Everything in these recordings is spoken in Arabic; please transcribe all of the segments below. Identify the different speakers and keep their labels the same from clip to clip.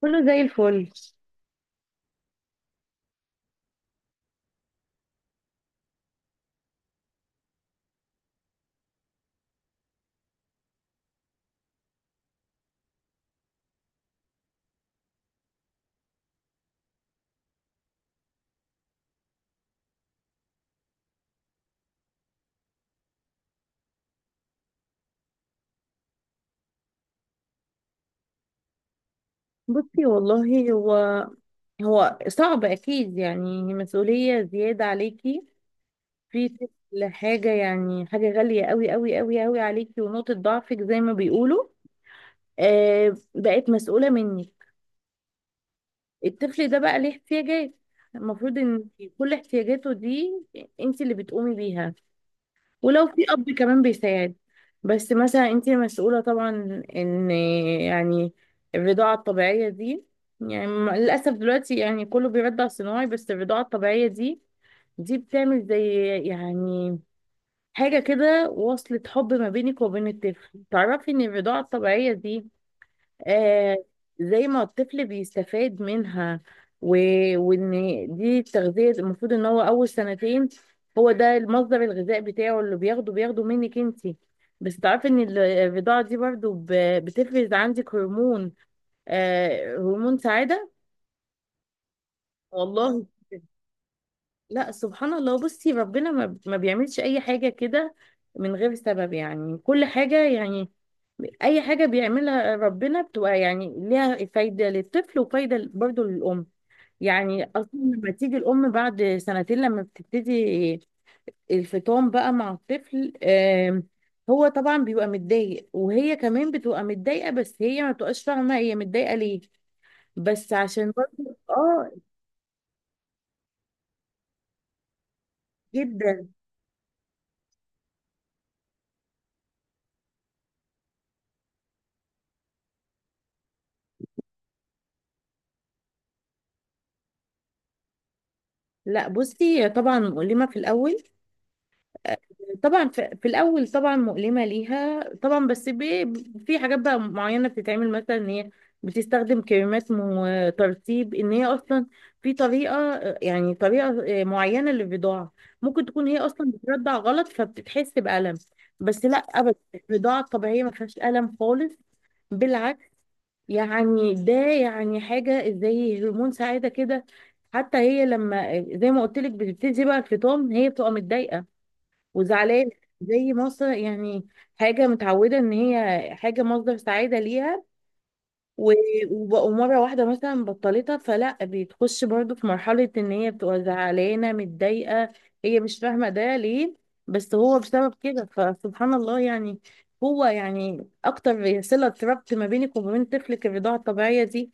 Speaker 1: كله زي الفل. بصي والله هو صعب اكيد، يعني مسؤولية زيادة عليكي في كل حاجة. يعني حاجة غالية قوي قوي قوي قوي عليكي ونقطة ضعفك زي ما بيقولوا. آه، بقت مسؤولة منك الطفل ده، بقى ليه احتياجات. المفروض ان كل احتياجاته دي انت اللي بتقومي بيها. ولو في اب كمان بيساعد، بس مثلا انت مسؤولة طبعا. ان يعني الرضاعة الطبيعية دي، يعني للأسف دلوقتي يعني كله بيرضع صناعي، بس الرضاعة الطبيعية دي، دي بتعمل زي يعني حاجة كده، وصلة حب ما بينك وبين الطفل. تعرفي ان الرضاعة الطبيعية دي، آه، زي ما الطفل بيستفاد منها و... وان دي التغذية المفروض ان هو اول سنتين، هو ده المصدر الغذاء بتاعه اللي بياخده منك انتي. بس تعرفي ان الرضاعة دي برضو بتفرز عندك هرمون، آه هرمون سعادة. والله لا، سبحان الله. بصي ربنا ما بيعملش اي حاجة كده من غير سبب. يعني كل حاجة، يعني اي حاجة بيعملها ربنا بتبقى يعني ليها فايدة للطفل وفايدة برضو للأم. يعني اصلا لما تيجي الام بعد سنتين لما بتبتدي الفطام بقى مع الطفل، هو طبعا بيبقى متضايق وهي كمان بتبقى متضايقه، بس هي ما بتبقاش فاهمه هي متضايقه ليه. بس عشان برضه اه. جدا. لا بصي، طبعا مؤلمه في الاول، طبعا في الاول طبعا مؤلمه ليها طبعا، بس بي في حاجات بقى معينه بتتعمل، مثلا ان هي بتستخدم كريمات وترطيب، ان هي اصلا في طريقه، يعني طريقه معينه للرضاعه. ممكن تكون هي اصلا بترضع غلط فبتتحس بالم. بس لا، ابدا الرضاعه الطبيعيه ما فيهاش الم خالص، بالعكس. يعني ده يعني حاجه زي هرمون سعاده كده. حتى هي لما زي ما قلت لك بتبتدي بقى الفطام، هي بتبقى متضايقه وزعلانة، زي مصر، يعني حاجة متعودة ان هي حاجة مصدر سعادة ليها. و- وبقوا مرة واحدة مثلا بطلتها، فلا بتخش برضو في مرحلة ان هي بتبقى زعلانة متضايقة. هي مش فاهمة ده ليه، بس هو بسبب كده. فسبحان الله، يعني هو يعني اكتر صلة ربط ما بينك وما بين طفلك الرضاعة الطبيعية دي.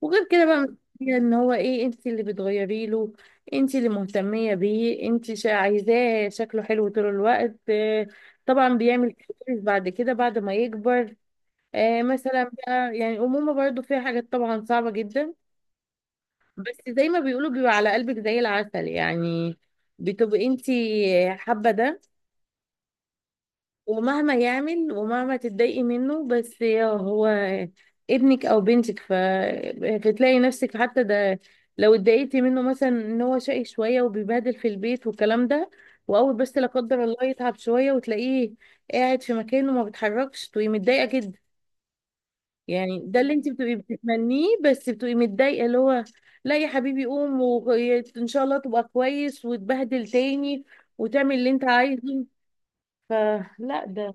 Speaker 1: وغير كده بقى مسؤولية ان هو ايه، انت اللي بتغيري له، انت اللي مهتمية بيه، انت عايزاه شكله حلو طول الوقت. آه، طبعا بيعمل كويس بعد كده بعد ما يكبر. آه مثلا بقى، يعني الأمومة برضو فيها حاجات طبعا صعبة جدا، بس زي ما بيقولوا بيبقى على قلبك زي العسل. يعني بتبقي انت حابة ده. ومهما يعمل ومهما تتضايقي منه، بس يا هو ابنك او بنتك. فتلاقي نفسك، حتى ده لو اتضايقتي منه مثلا ان هو شقي شويه وبيبهدل في البيت والكلام ده، واول بس لا قدر الله يتعب شويه وتلاقيه قاعد في مكانه ما بيتحركش، تبقي متضايقه جدا. يعني ده اللي انت بتبقي بتتمنيه، بس بتبقي متضايقه، اللي هو لا يا حبيبي قوم، وان شاء الله تبقى كويس وتبهدل تاني وتعمل اللي انت عايزه. فلا ده.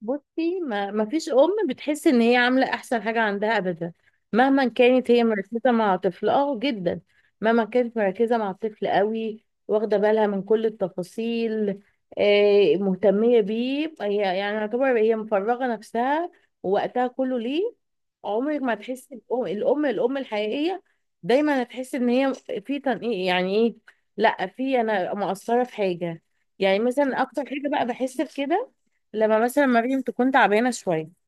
Speaker 1: بصي ما فيش ام بتحس ان هي عامله احسن حاجه عندها ابدا، مهما كانت هي مركزه مع طفل اه جدا. مهما كانت مركزه مع الطفل قوي، واخده بالها من كل التفاصيل، آه مهتميه بيه هي، يعني يعتبر هي مفرغه نفسها ووقتها كله ليه. عمرك ما تحس الام الام الام الحقيقيه دايما هتحس ان هي في تنقيق، يعني ايه، لا في انا مقصره في حاجه. يعني مثلا اكتر حاجه بقى بحس بكده لما مثلا مريم تكون تعبانة شوية،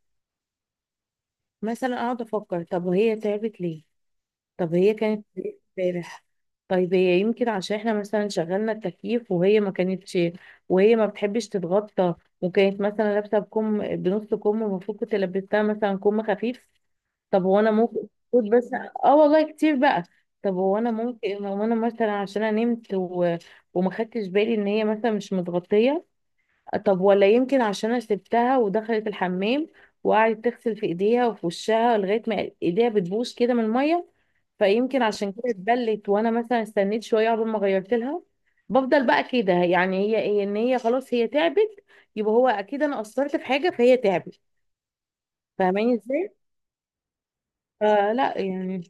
Speaker 1: مثلا اقعد افكر طب هي تعبت ليه، طب هي كانت ليه امبارح، طيب هي يمكن عشان احنا مثلا شغلنا التكييف وهي ما كانتش، وهي ما بتحبش تتغطى، وكانت مثلا لابسة بكم بنص كم ومفروض كنت لبستها مثلا كم خفيف. طب هو انا ممكن كنت بس اه والله كتير بقى. طب هو انا ممكن، هو انا مثلا عشان انا نمت وما خدتش بالي ان هي مثلا مش متغطية. طب ولا يمكن عشان انا سبتها ودخلت الحمام، وقعدت تغسل في ايديها وفي وشها لغايه ما ايديها بتبوش كده من الميه، فيمكن عشان كده اتبلت وانا مثلا استنيت شويه قبل ما غيرت لها. بفضل بقى كده، يعني هي ايه ان هي خلاص هي تعبت، يبقى هو اكيد انا قصرت في حاجه فهي تعبت. فاهماني ازاي؟ آه لا يعني.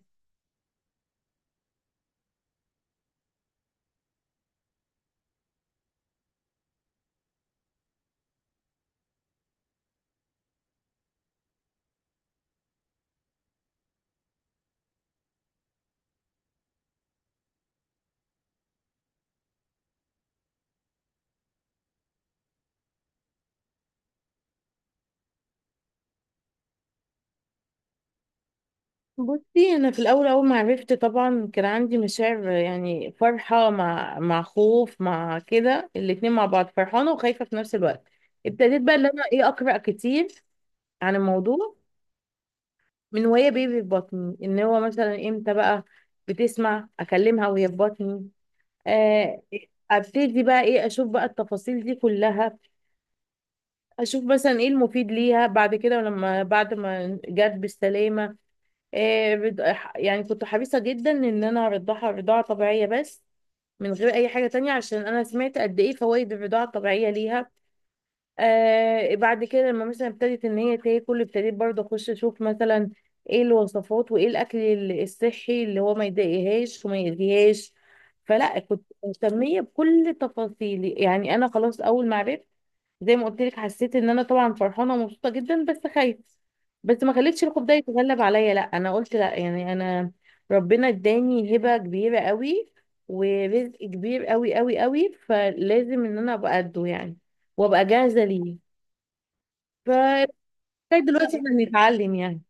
Speaker 1: بصي انا في الاول اول ما عرفت طبعا كان عندي مشاعر، يعني فرحه مع خوف مع كده، الاتنين مع بعض، فرحانه وخايفه في نفس الوقت. ابتديت بقى ان انا ايه اقرا كتير عن الموضوع، من وهي بيبي في بطني، ان هو مثلا امتى بقى بتسمع. اكلمها وهي في بطني، آه، ابتدي بقى ايه اشوف بقى التفاصيل دي كلها. اشوف مثلا ايه المفيد ليها بعد كده. لما بعد ما جت بالسلامه، آه، يعني كنت حريصة جدا ان انا ارضعها رضاعة طبيعية بس، من غير اي حاجة تانية، عشان انا سمعت قد ايه فوائد الرضاعة الطبيعية ليها. آه بعد كده لما مثلا ابتدت ان هي تاكل، ابتديت برضه اخش اشوف مثلا ايه الوصفات وايه الاكل الصحي اللي هو ما يضايقهاش وما يأذيهاش. فلا كنت مهتمية بكل تفاصيل. يعني انا خلاص اول ما عرفت زي ما قلت لك، حسيت ان انا طبعا فرحانه ومبسوطه جدا بس خايفه، بس ما خليتش الخوف ده يتغلب عليا. لا انا قلت لا، يعني انا ربنا اداني هبه كبيره قوي ورزق كبير قوي قوي قوي، فلازم ان انا ابقى قده يعني، وابقى جاهزه ليه. فلغايه دلوقتي احنا بنتعلم يعني.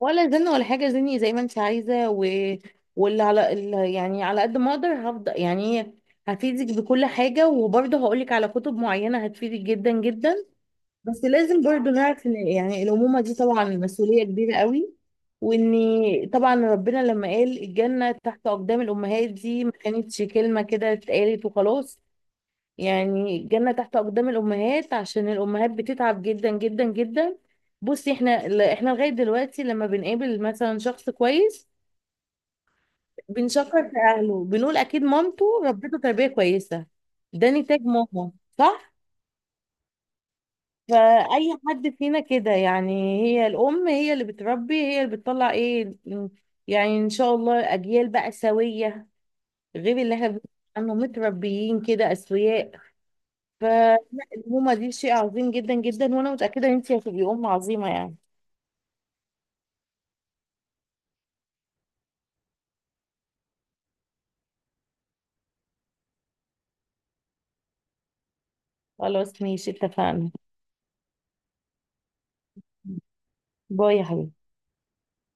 Speaker 1: ولا زلنا ولا حاجه زني زي ما انت عايزه واللي على اللي، يعني على قد ما اقدر هفضل يعني هفيدك بكل حاجه، وبرضه هقولك على كتب معينه هتفيدك جدا جدا. بس لازم برضو نعرف ان يعني الأمومة دي طبعا مسؤولية كبيرة قوي. واني طبعا ربنا لما قال الجنة تحت أقدام الأمهات، دي ما كانتش كلمة كده اتقالت وخلاص. يعني الجنة تحت أقدام الأمهات عشان الأمهات بتتعب جدا جدا جدا. بصي احنا احنا لغاية دلوقتي لما بنقابل مثلا شخص كويس، بنشكر في أهله، بنقول أكيد مامته ربته تربية كويسة. ده نتاج ماما، صح؟ فأي حد فينا كده، يعني هي الأم هي اللي بتربي، هي اللي بتطلع إيه، يعني إن شاء الله أجيال بقى سوية، غير اللي احنا بنسمع عنه متربيين كده أسوياء. فالأمومة دي شيء عظيم جدا جدا، وأنا متأكدة إن أنتي هتبقي أم عظيمة يعني. خلاص ماشي اتفقنا. باي يا حبيبي.